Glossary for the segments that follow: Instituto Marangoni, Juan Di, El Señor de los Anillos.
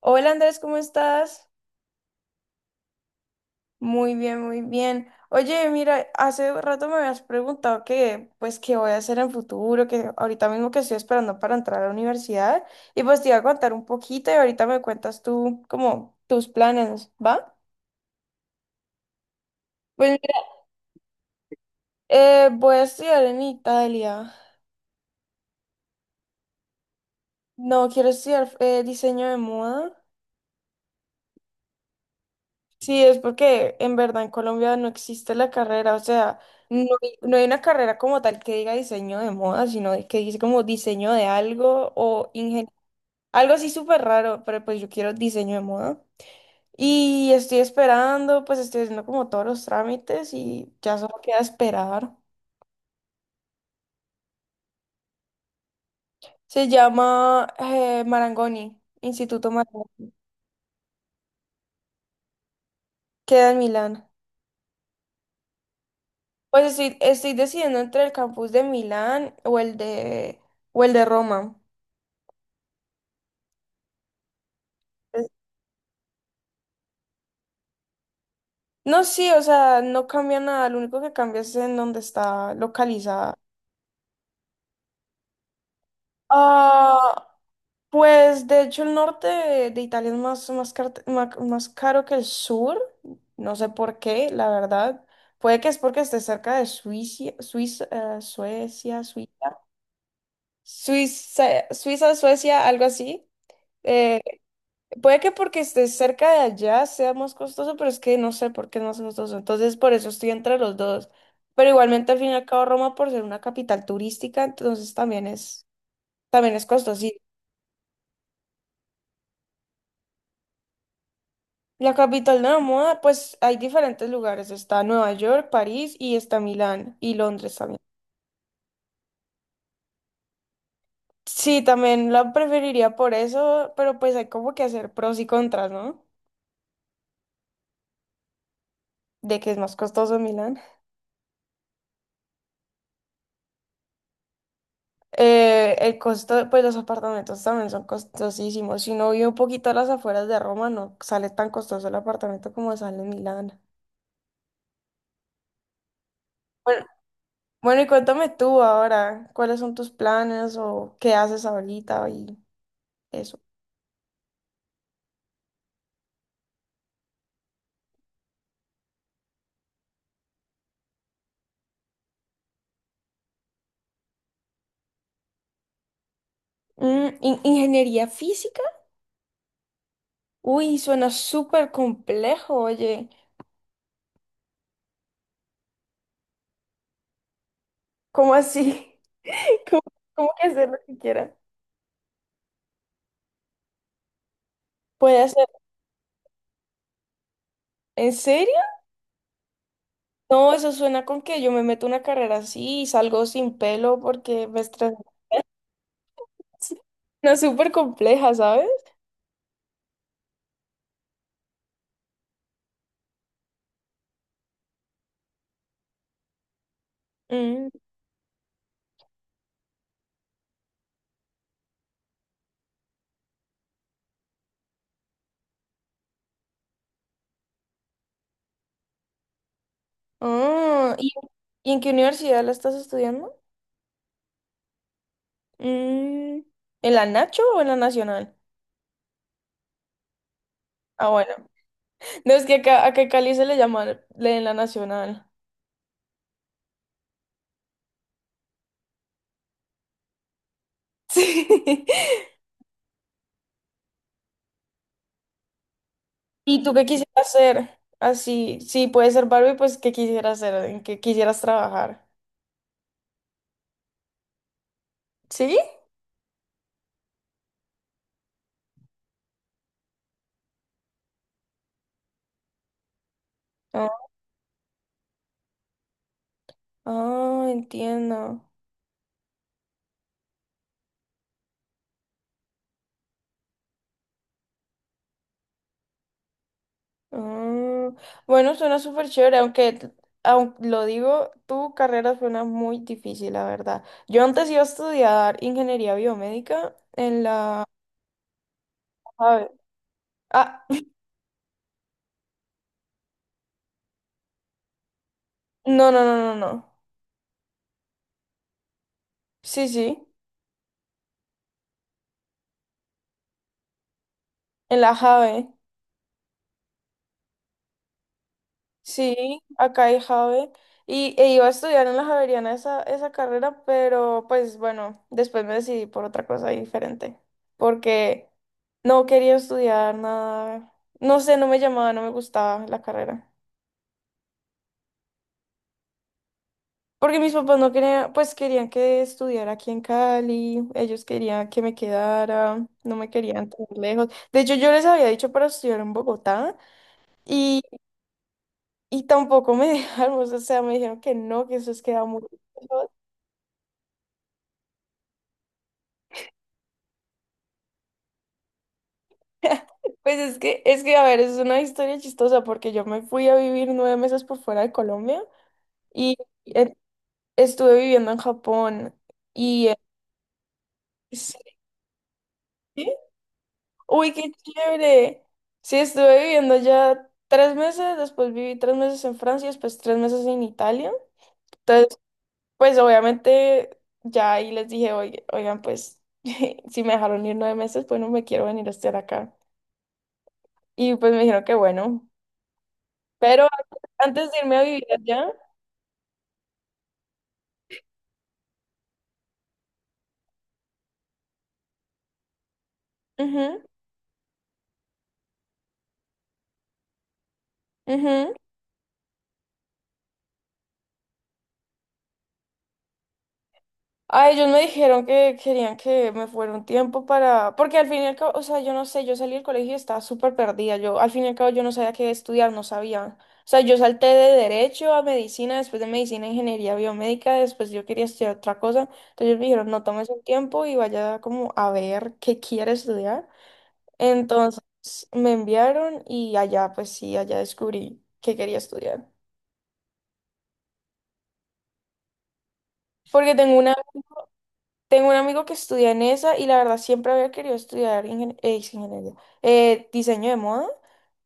Hola Andrés, ¿cómo estás? Muy bien, muy bien. Oye, mira, hace rato me habías preguntado que, pues, qué voy a hacer en futuro, que ahorita mismo que estoy esperando para entrar a la universidad, y pues te iba a contar un poquito y ahorita me cuentas tú como tus planes, ¿va? Pues mira, voy a estudiar en Italia. No, quiero estudiar diseño de moda. Sí, es porque en verdad en Colombia no existe la carrera, o sea, no hay una carrera como tal que diga diseño de moda, que dice como diseño de algo o ingeniería, algo así súper raro, pero pues yo quiero diseño de moda. Y estoy esperando, pues estoy haciendo como todos los trámites y ya solo queda esperar. Se llama Marangoni, Instituto Marangoni, queda en Milán. Pues estoy decidiendo entre el campus de Milán o el de Roma. No, sí, o sea, no cambia nada, lo único que cambia es en dónde está localizada. Ah, pues de hecho el norte de Italia es más, más, más caro que el sur, no sé por qué, la verdad. Puede que es porque esté cerca de Suiza, Suiza, Suecia, Suiza, Suiza, Suiza, Suecia, algo así. eh, Puede que porque esté cerca de allá sea más costoso, pero es que no sé por qué es más costoso. Entonces, por eso estoy entre los dos. Pero igualmente, al fin y al cabo, Roma, por ser una capital turística, entonces también es costoso. Y la capital de la moda, pues hay diferentes lugares. Está Nueva York, París y está Milán y Londres también. Sí, también la preferiría por eso, pero pues hay como que hacer pros y contras, ¿no? De que es más costoso Milán. El costo, pues los apartamentos también son costosísimos. Si uno vive un poquito a las afueras de Roma, no sale tan costoso el apartamento como sale en Milán. Bueno, bueno, y cuéntame tú ahora, ¿cuáles son tus planes o qué haces ahorita y eso? ¿Ingeniería física? Uy, suena súper complejo, oye. ¿Cómo así? ¿Cómo, cómo que hacer lo que quiera? ¿Puede hacer? ¿En serio? No, eso suena con que yo me meto una carrera así y salgo sin pelo porque me estresé. No, es súper compleja, ¿sabes? Mm. Ah, ¿Y en qué universidad la estás estudiando? Mm, ¿En la Nacho o en la Nacional? Ah, bueno. No, es que acá en Cali se le llama en la Nacional. Sí. ¿Y tú qué quisieras hacer? Así, sí, puede ser Barbie, pues ¿qué quisieras hacer? ¿En qué quisieras trabajar? ¿Sí? Ah, ah, entiendo. Mm, bueno, suena súper chévere, aunque, lo digo, tu carrera suena muy difícil, la verdad. Yo antes iba a estudiar ingeniería biomédica en la JAVE. Ah, no, no, no, no, no. Sí, sí, en la JAVE. Sí, acá hay JAVE. Y e iba a estudiar en la Javeriana esa carrera, pero pues bueno, después me decidí por otra cosa diferente. Porque no quería estudiar nada. No sé, no me llamaba, no me gustaba la carrera. Porque mis papás no querían, pues querían que estudiara aquí en Cali, ellos querían que me quedara, no me querían tan lejos. De hecho, yo les había dicho para estudiar en Bogotá y, y tampoco me dejaron, o sea, me dijeron que no, que eso es queda muy lejos. Pues es que, a ver, es una historia chistosa porque yo me fui a vivir 9 meses por fuera de Colombia y eh, estuve viviendo en Japón y... eh, sí. Uy, qué chévere. Sí, estuve viviendo ya 3 meses, después viví 3 meses en Francia, después 3 meses en Italia. Entonces, pues obviamente ya ahí les dije, Oigan, pues si me dejaron ir 9 meses, pues no me quiero venir a estar acá. Y pues me dijeron que bueno. Pero antes de irme a vivir allá. Ujú. Ujú. Ah, ellos me dijeron que querían que me fuera un tiempo para, porque al fin y al cabo, o sea, yo no sé, yo salí del colegio y estaba súper perdida, yo al fin y al cabo yo no sabía qué estudiar, no sabía, o sea, yo salté de derecho a medicina, después de medicina a ingeniería biomédica, después yo quería estudiar otra cosa, entonces ellos me dijeron, no tomes un tiempo y vaya como a ver qué quiere estudiar, entonces me enviaron y allá, pues sí, allá descubrí qué quería estudiar, porque Tengo un amigo que estudia en esa y la verdad siempre había querido estudiar ingeniería, diseño de moda.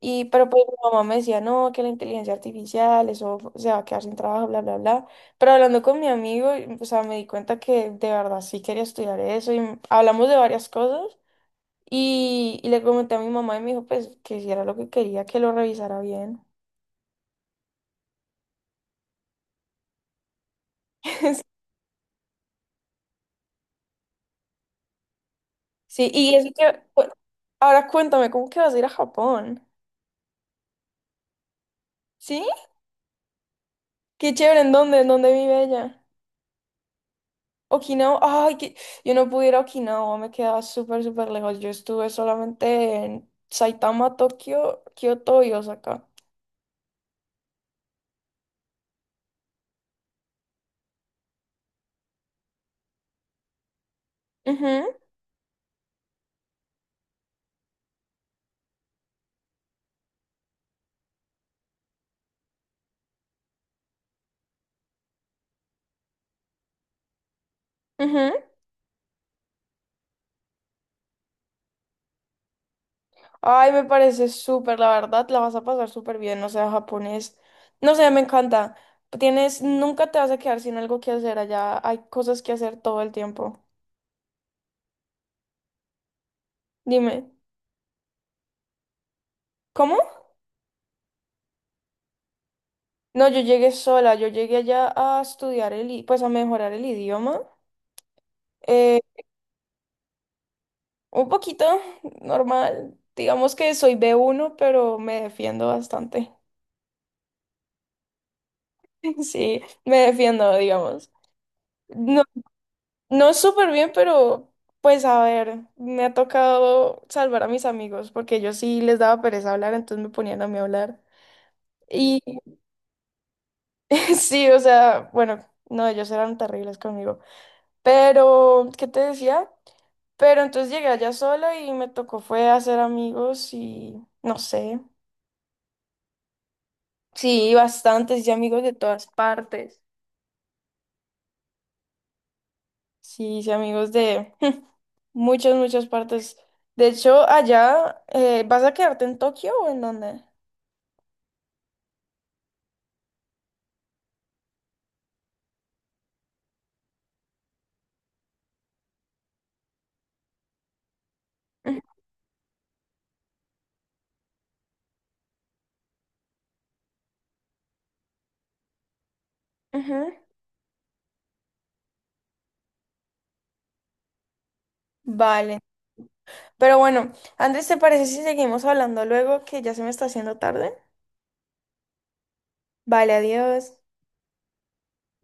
Y, pero pues mi mamá me decía, no, que la inteligencia artificial, eso se va a quedar sin trabajo, bla, bla, bla. Pero hablando con mi amigo, y, o sea, me di cuenta que de verdad sí quería estudiar eso y hablamos de varias cosas. Y le comenté a mi mamá y me dijo, pues, que si era lo que quería, que lo revisara bien. Sí, y eso que, bueno, ahora cuéntame, ¿cómo que vas a ir a Japón? ¿Sí? Qué chévere, ¿en dónde? ¿En dónde vive ella? Okinawa, ay, que yo no pude ir a Okinawa, me quedaba súper, súper lejos. Yo estuve solamente en Saitama, Tokio, Kioto y Osaka. Ujú, ujú. Ay, me parece súper, la verdad, la vas a pasar súper bien, o sea, japonés, no sé, me encanta. Tienes, nunca te vas a quedar sin algo que hacer allá, hay cosas que hacer todo el tiempo. Dime, ¿cómo? No, yo llegué sola, yo llegué allá a estudiar pues a mejorar el idioma. Eh, Un poquito normal. Digamos que soy B1 pero me defiendo bastante. Sí, me defiendo, digamos. No, no súper bien, pero pues a ver, me ha tocado salvar a mis amigos porque yo sí les daba pereza hablar, entonces me ponían a mí a hablar. Y sí, o sea, bueno, no, ellos eran terribles conmigo. Pero, ¿qué te decía? Pero entonces llegué allá sola y me tocó fue hacer amigos y no sé. Sí, bastantes, hice amigos de todas partes. Sí, hice amigos de muchas, muchas partes. De hecho, allá, ¿vas a quedarte en Tokio o en dónde? Ujú, ujú. Vale. Pero bueno, Andrés, ¿te parece si seguimos hablando luego que ya se me está haciendo tarde? Vale, adiós.